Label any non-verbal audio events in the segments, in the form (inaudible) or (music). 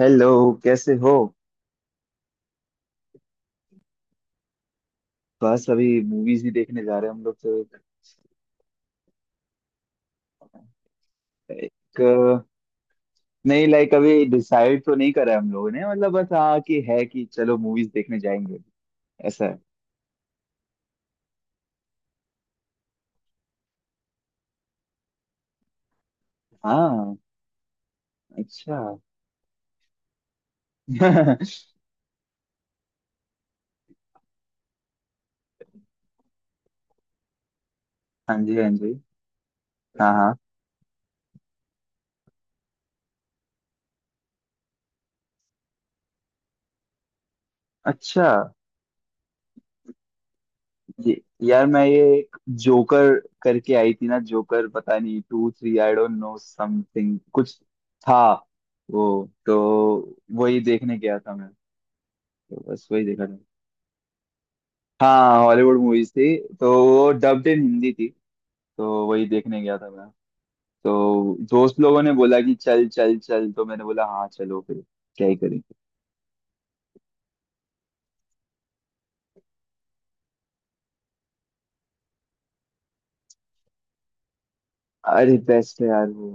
Hello. कैसे हो? बस अभी मूवीज भी देखने जा रहे हैं हम लोग तो। एक अ, नहीं लाइक अभी डिसाइड तो नहीं करा है हम लोगों ने, मतलब बस हाँ कि है कि चलो मूवीज देखने जाएंगे ऐसा है। हाँ। अच्छा। (laughs) हाँ जी हाँ जी। हाँ हाँ। अच्छा। ये यार मैं ये एक जोकर करके आई थी ना, जोकर। पता नहीं two three, I don't know something कुछ था वो। तो वही देखने गया था मैं, तो बस वही देखा। हाँ हॉलीवुड मूवीज थी तो वो डब्ड इन हिंदी थी, तो वही देखने गया था मैं। तो दोस्त लोगों ने बोला कि चल चल चल, तो मैंने बोला हाँ चलो फिर, क्या ही करेंगे। अरे बेस्ट है यार वो।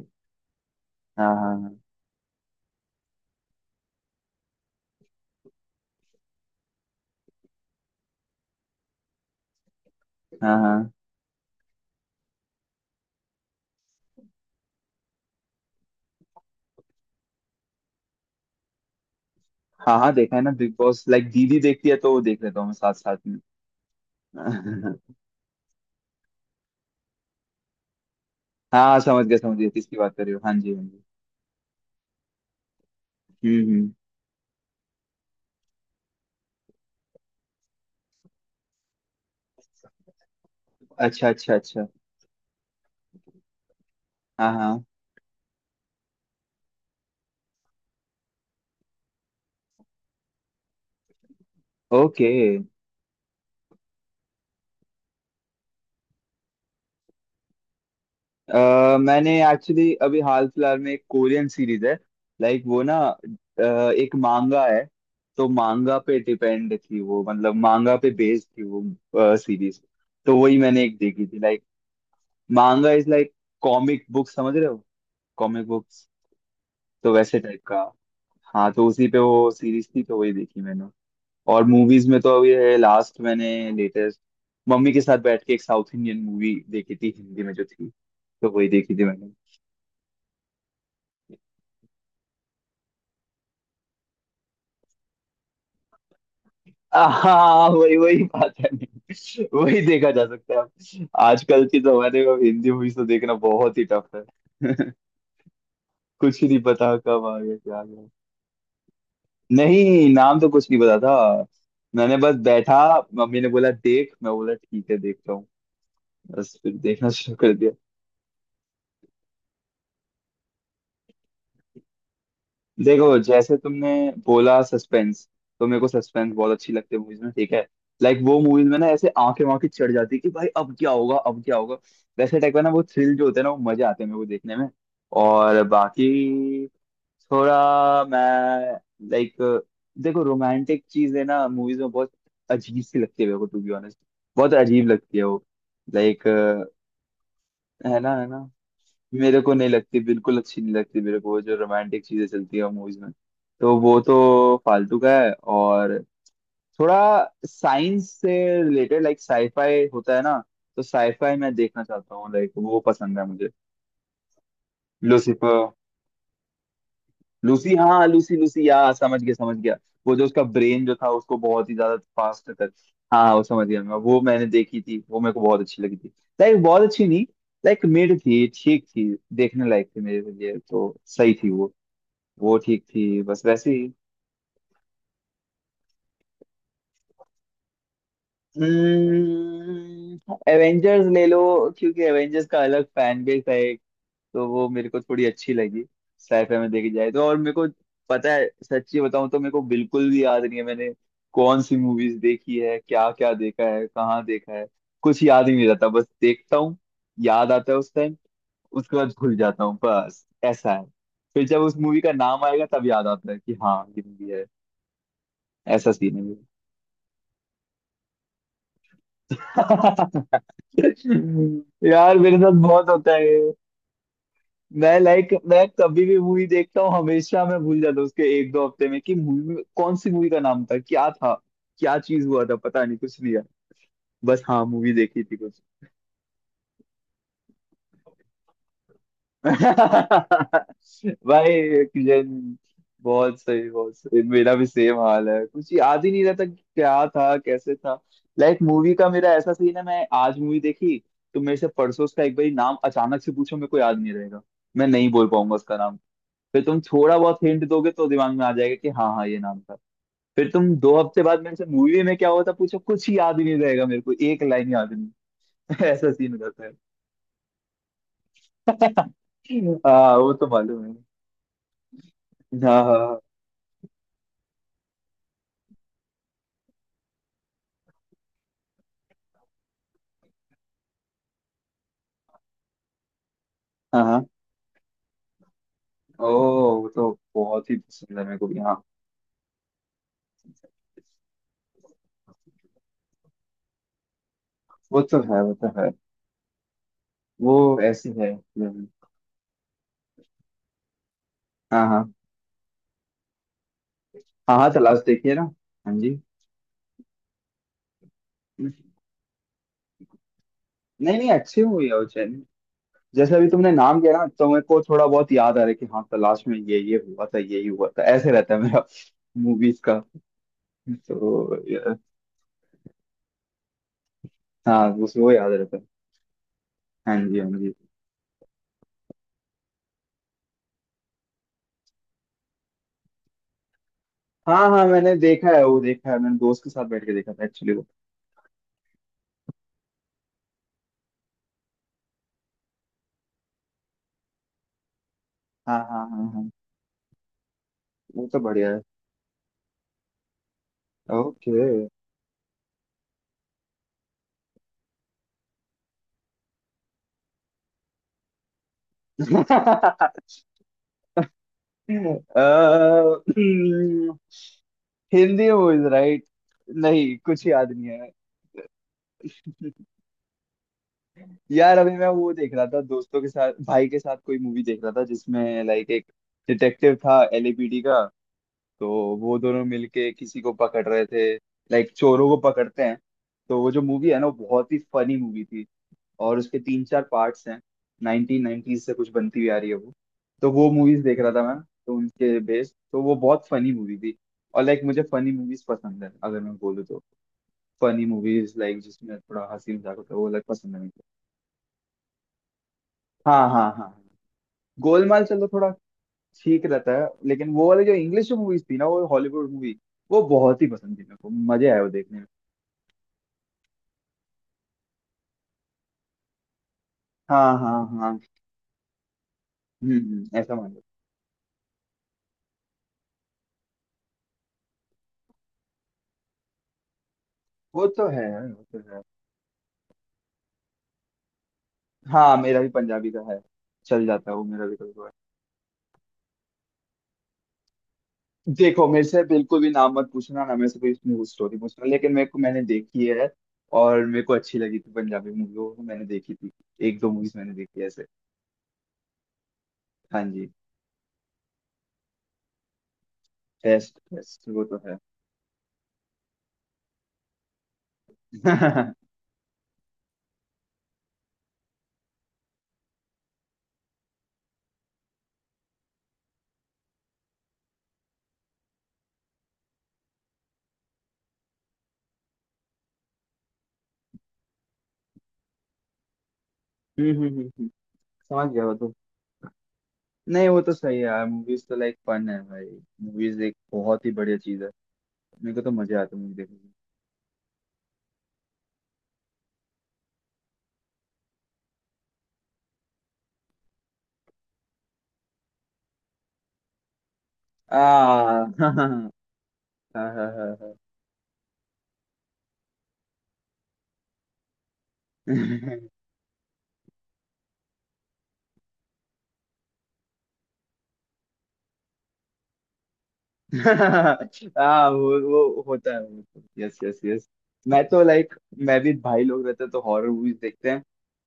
हाँ हाँ हाँ हाँ हाँ हाँ हाँ, देखा है ना बिग बॉस। लाइक दीदी देखती है तो वो देख लेता हूँ मैं साथ साथ में। (laughs) हाँ समझ गया समझ गया, किसकी बात कर रहे हो। हाँ जी हाँ जी। हम्म। अच्छा अच्छा अच्छा। हाँ हाँ। ओके। मैंने एक्चुअली अभी हाल फिलहाल में एक कोरियन सीरीज है। लाइक वो ना एक मांगा है, तो मांगा पे डिपेंड थी वो, मतलब मांगा पे बेस्ड थी वो सीरीज। तो वही मैंने एक देखी थी like. Manga is like comic book, समझ रहे हो? कॉमिक बुक्स, तो वैसे टाइप का। हाँ तो उसी पे वो सीरीज थी, तो वही देखी मैंने। और मूवीज में तो अभी है लास्ट मैंने लेटेस्ट मम्मी के साथ बैठ के एक साउथ इंडियन मूवी देखी थी हिंदी में जो थी, तो वही देखी थी मैंने। हाँ वही वही बात है, नहीं वही देखा जा सकता है आजकल के जमाने में, हिंदी मूवीज तो देखना बहुत ही टफ है। (laughs) कुछ ही नहीं पता कब आ गया क्या आ गया, नहीं नाम तो कुछ नहीं पता था। मैंने बस बैठा, मम्मी ने बोला देख, मैं बोला ठीक है देखता हूँ, बस फिर देखना शुरू कर दिया। देखो जैसे तुमने बोला सस्पेंस, तो मेरे को सस्पेंस बहुत अच्छी लगती है मूवीज में, ठीक है। लाइक वो मूवीज में ना ऐसे आंखें वाँखें चढ़ जाती है कि भाई अब क्या होगा अब क्या होगा, वैसे टाइप का ना वो थ्रिल जो होता है ना, वो मजे आते हैं मेरे को देखने में। और बाकी थोड़ा मैं लाइक, देखो रोमांटिक चीजें ना मूवीज में बहुत अजीब सी लगती है मेरे को, टू बी ऑनेस्ट बहुत अजीब लगती है वो। लाइक है ना? है ना? मेरे को नहीं लगती, बिल्कुल अच्छी नहीं लगती मेरे को वो जो रोमांटिक चीजें चलती है मूवीज में, तो वो तो फालतू का है। और थोड़ा साइंस से रिलेटेड लाइक साईफाई होता है ना, तो साईफाई मैं देखना चाहता हूँ, लाइक वो पसंद है मुझे। लूसीफर? लूसी, हाँ लूसी लूसी, या समझ गया समझ गया। वो जो उसका ब्रेन जो था उसको बहुत ही ज्यादा फास्ट तक, हाँ हाँ, वो समझ गया मैं, वो मैंने देखी थी, वो मेरे को बहुत अच्छी लगी थी। लाइक बहुत अच्छी नहीं, लाइक मिड थी, ठीक थी, देखने लायक थी, मेरे लिए तो सही थी वो। वो ठीक थी बस वैसे ही। एवेंजर्स ले लो, क्योंकि एवेंजर्स का अलग फैन बेस है एक, तो वो मेरे को थोड़ी अच्छी लगी साइफाई में देखी जाए तो। और मेरे को पता है, सच्ची बताऊं तो मेरे को बिल्कुल भी याद नहीं है मैंने कौन सी मूवीज देखी है क्या क्या देखा है कहाँ देखा है, कुछ याद ही नहीं रहता, बस देखता हूँ, याद आता है उस टाइम, उसके बाद भूल जाता हूँ, बस ऐसा है। फिर जब उस मूवी का नाम आएगा तब याद आता है कि हाँ ये मूवी है। ऐसा सीन है ये। (laughs) (laughs) यार मेरे साथ बहुत होता है ये। मैं लाइक, मैं कभी भी मूवी देखता हूँ हमेशा मैं भूल जाता हूँ उसके एक दो हफ्ते में कि मूवी में कौन सी मूवी का नाम था क्या चीज हुआ था पता नहीं कुछ नहीं यार, बस हाँ मूवी देखी थी। (laughs) भाई किशन। बहुत सही बहुत सही, मेरा भी सेम हाल है, कुछ याद ही नहीं रहता कि क्या था कैसे था। लाइक मूवी का मेरा ऐसा सीन है, मैं आज मूवी देखी तो मेरे से परसों उसका एक बार नाम अचानक से पूछो, मेरे को याद नहीं रहेगा, मैं नहीं बोल पाऊंगा उसका नाम। फिर तुम थोड़ा बहुत हिंट दोगे तो दिमाग में आ जाएगा कि हाँ हाँ ये नाम था। फिर तुम 2 हफ्ते बाद मेरे से मूवी में क्या हुआ था पूछो, कुछ ही याद ही नहीं रहेगा मेरे को, एक लाइन याद नहीं। (laughs) ऐसा सीन हो जाता है। (laughs) हाँ वो तो मालूम है। हाँ हाँ हाँ। हाँ हाँ। ओह वो तो बहुत ही पसंद है मेरे को भी, हाँ। वो तो है वो तो है। वो ऐसी है हम्म। हाँ हाँ हाँ हाँ, तलाश देखिए ना। हाँ जी। नहीं नहीं अच्छी हुई है वो चैनल, जैसे अभी तुमने नाम किया ना तो मेरे को थोड़ा बहुत याद आ रहा है कि हाँ तलाश में ये हुआ था, ये ही हुआ था, ऐसे रहता है मेरा मूवीज का। तो ये- हाँ उसमें वो याद रहता है। हाँ जी हाँ जी। हाँ हाँ मैंने देखा है, वो देखा है मैंने, दोस्त के साथ बैठ के देखा था एक्चुअली वो। हाँ हाँ हाँ हाँ। वो तो बढ़िया है। Okay. uh, hmm, (laughs) Hindi movies right? नहीं कुछ याद नहीं है। यार अभी मैं वो देख रहा था दोस्तों के साथ, भाई के साथ कोई मूवी देख रहा था जिसमें लाइक एक डिटेक्टिव था एलएपीडी का, तो वो दोनों मिलके किसी को पकड़ रहे थे, लाइक चोरों को पकड़ते हैं। तो वो जो मूवी है ना वो बहुत ही फनी मूवी थी, और उसके तीन चार पार्ट्स हैं, 1990s से कुछ बनती हुई आ रही है वो। तो वो मूवीज देख रहा था मैं, तो उनके बेस्ड तो वो बहुत फनी मूवी थी। और लाइक मुझे फनी मूवीज पसंद है अगर मैं बोलूँ तो, फनी मूवीज लाइक जिसमें थोड़ा हंसी मजाक होता है, वो अलग पसंद है मुझे। हाँ हाँ हाँ, गोलमाल चलो थोड़ा ठीक रहता है, लेकिन वो वाली जो इंग्लिश मूवीज थी ना, वो हॉलीवुड मूवी वो बहुत ही पसंद थी मेरे को, मजे आए वो देखने में। हाँ हाँ हाँ, ऐसा मान लो। वो तो है वो तो है। हाँ मेरा भी पंजाबी का है, चल जाता है वो मेरा भी कभी कभार। देखो मेरे से बिल्कुल भी नाम मत पूछना ना, मेरे से कोई इसमें स्टोरी पूछना, लेकिन मेरे को मैंने देखी है, और मेरे को अच्छी लगी थी पंजाबी मूवी, वो तो मैंने देखी थी। एक दो मूवीज मैंने देखी है ऐसे। हाँ जी। बेस्ट बेस्ट वो तो है। (laughs) हम्म हम्म हम्म। समझ गया वो तो। नहीं वो तो सही है यार, मूवीज तो लाइक फन है भाई, मूवीज एक बहुत ही बढ़िया चीज है, मेरे को तो मजे आते हैं मूवी देखने में। आ। (laughs) हाँ हाँ हाँ हाँ। (laughs) (laughs) हाँ वो होता है वो। Yes yes yes. मैं तो लाइक, मैं भी भाई लोग रहते हैं तो हॉरर मूवीज देखते हैं,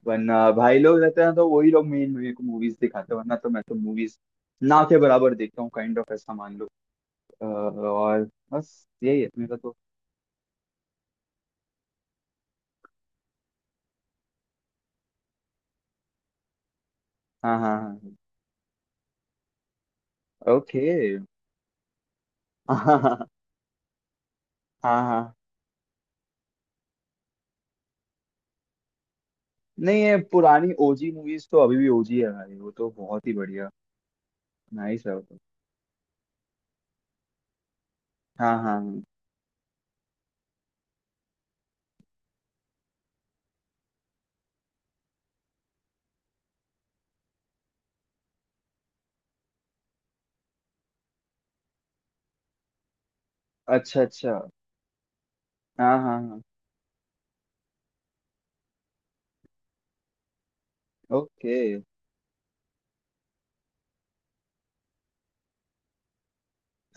वरना भाई लोग रहते हैं तो वही लोग मेन मेरे को मूवीज दिखाते हैं, वरना तो मैं तो मूवीज ना के बराबर देखता हूँ, काइंड ऑफ ऐसा मान लो। और बस यही है मेरा तो। हाँ हाँ हाँ। ओके। हाँ Okay. (laughs) हाँ हाँ। नहीं ये पुरानी ओजी मूवीज तो अभी भी ओजी है भाई, वो तो बहुत ही बढ़िया नाइस है वो तो। हाँ हाँ हाँ। अच्छा अच्छा। हाँ हाँ हाँ। ओके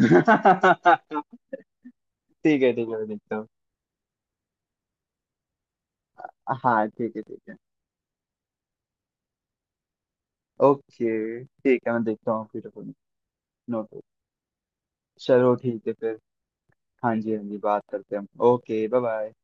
ठीक ठीक है मैं देखता हूँ। हाँ ठीक है ठीक है। ओके ठीक है मैं देखता हूँ फिर। नोट। चलो ठीक है फिर। हाँ जी हाँ जी बात करते हैं हम, ओके बाय बाय।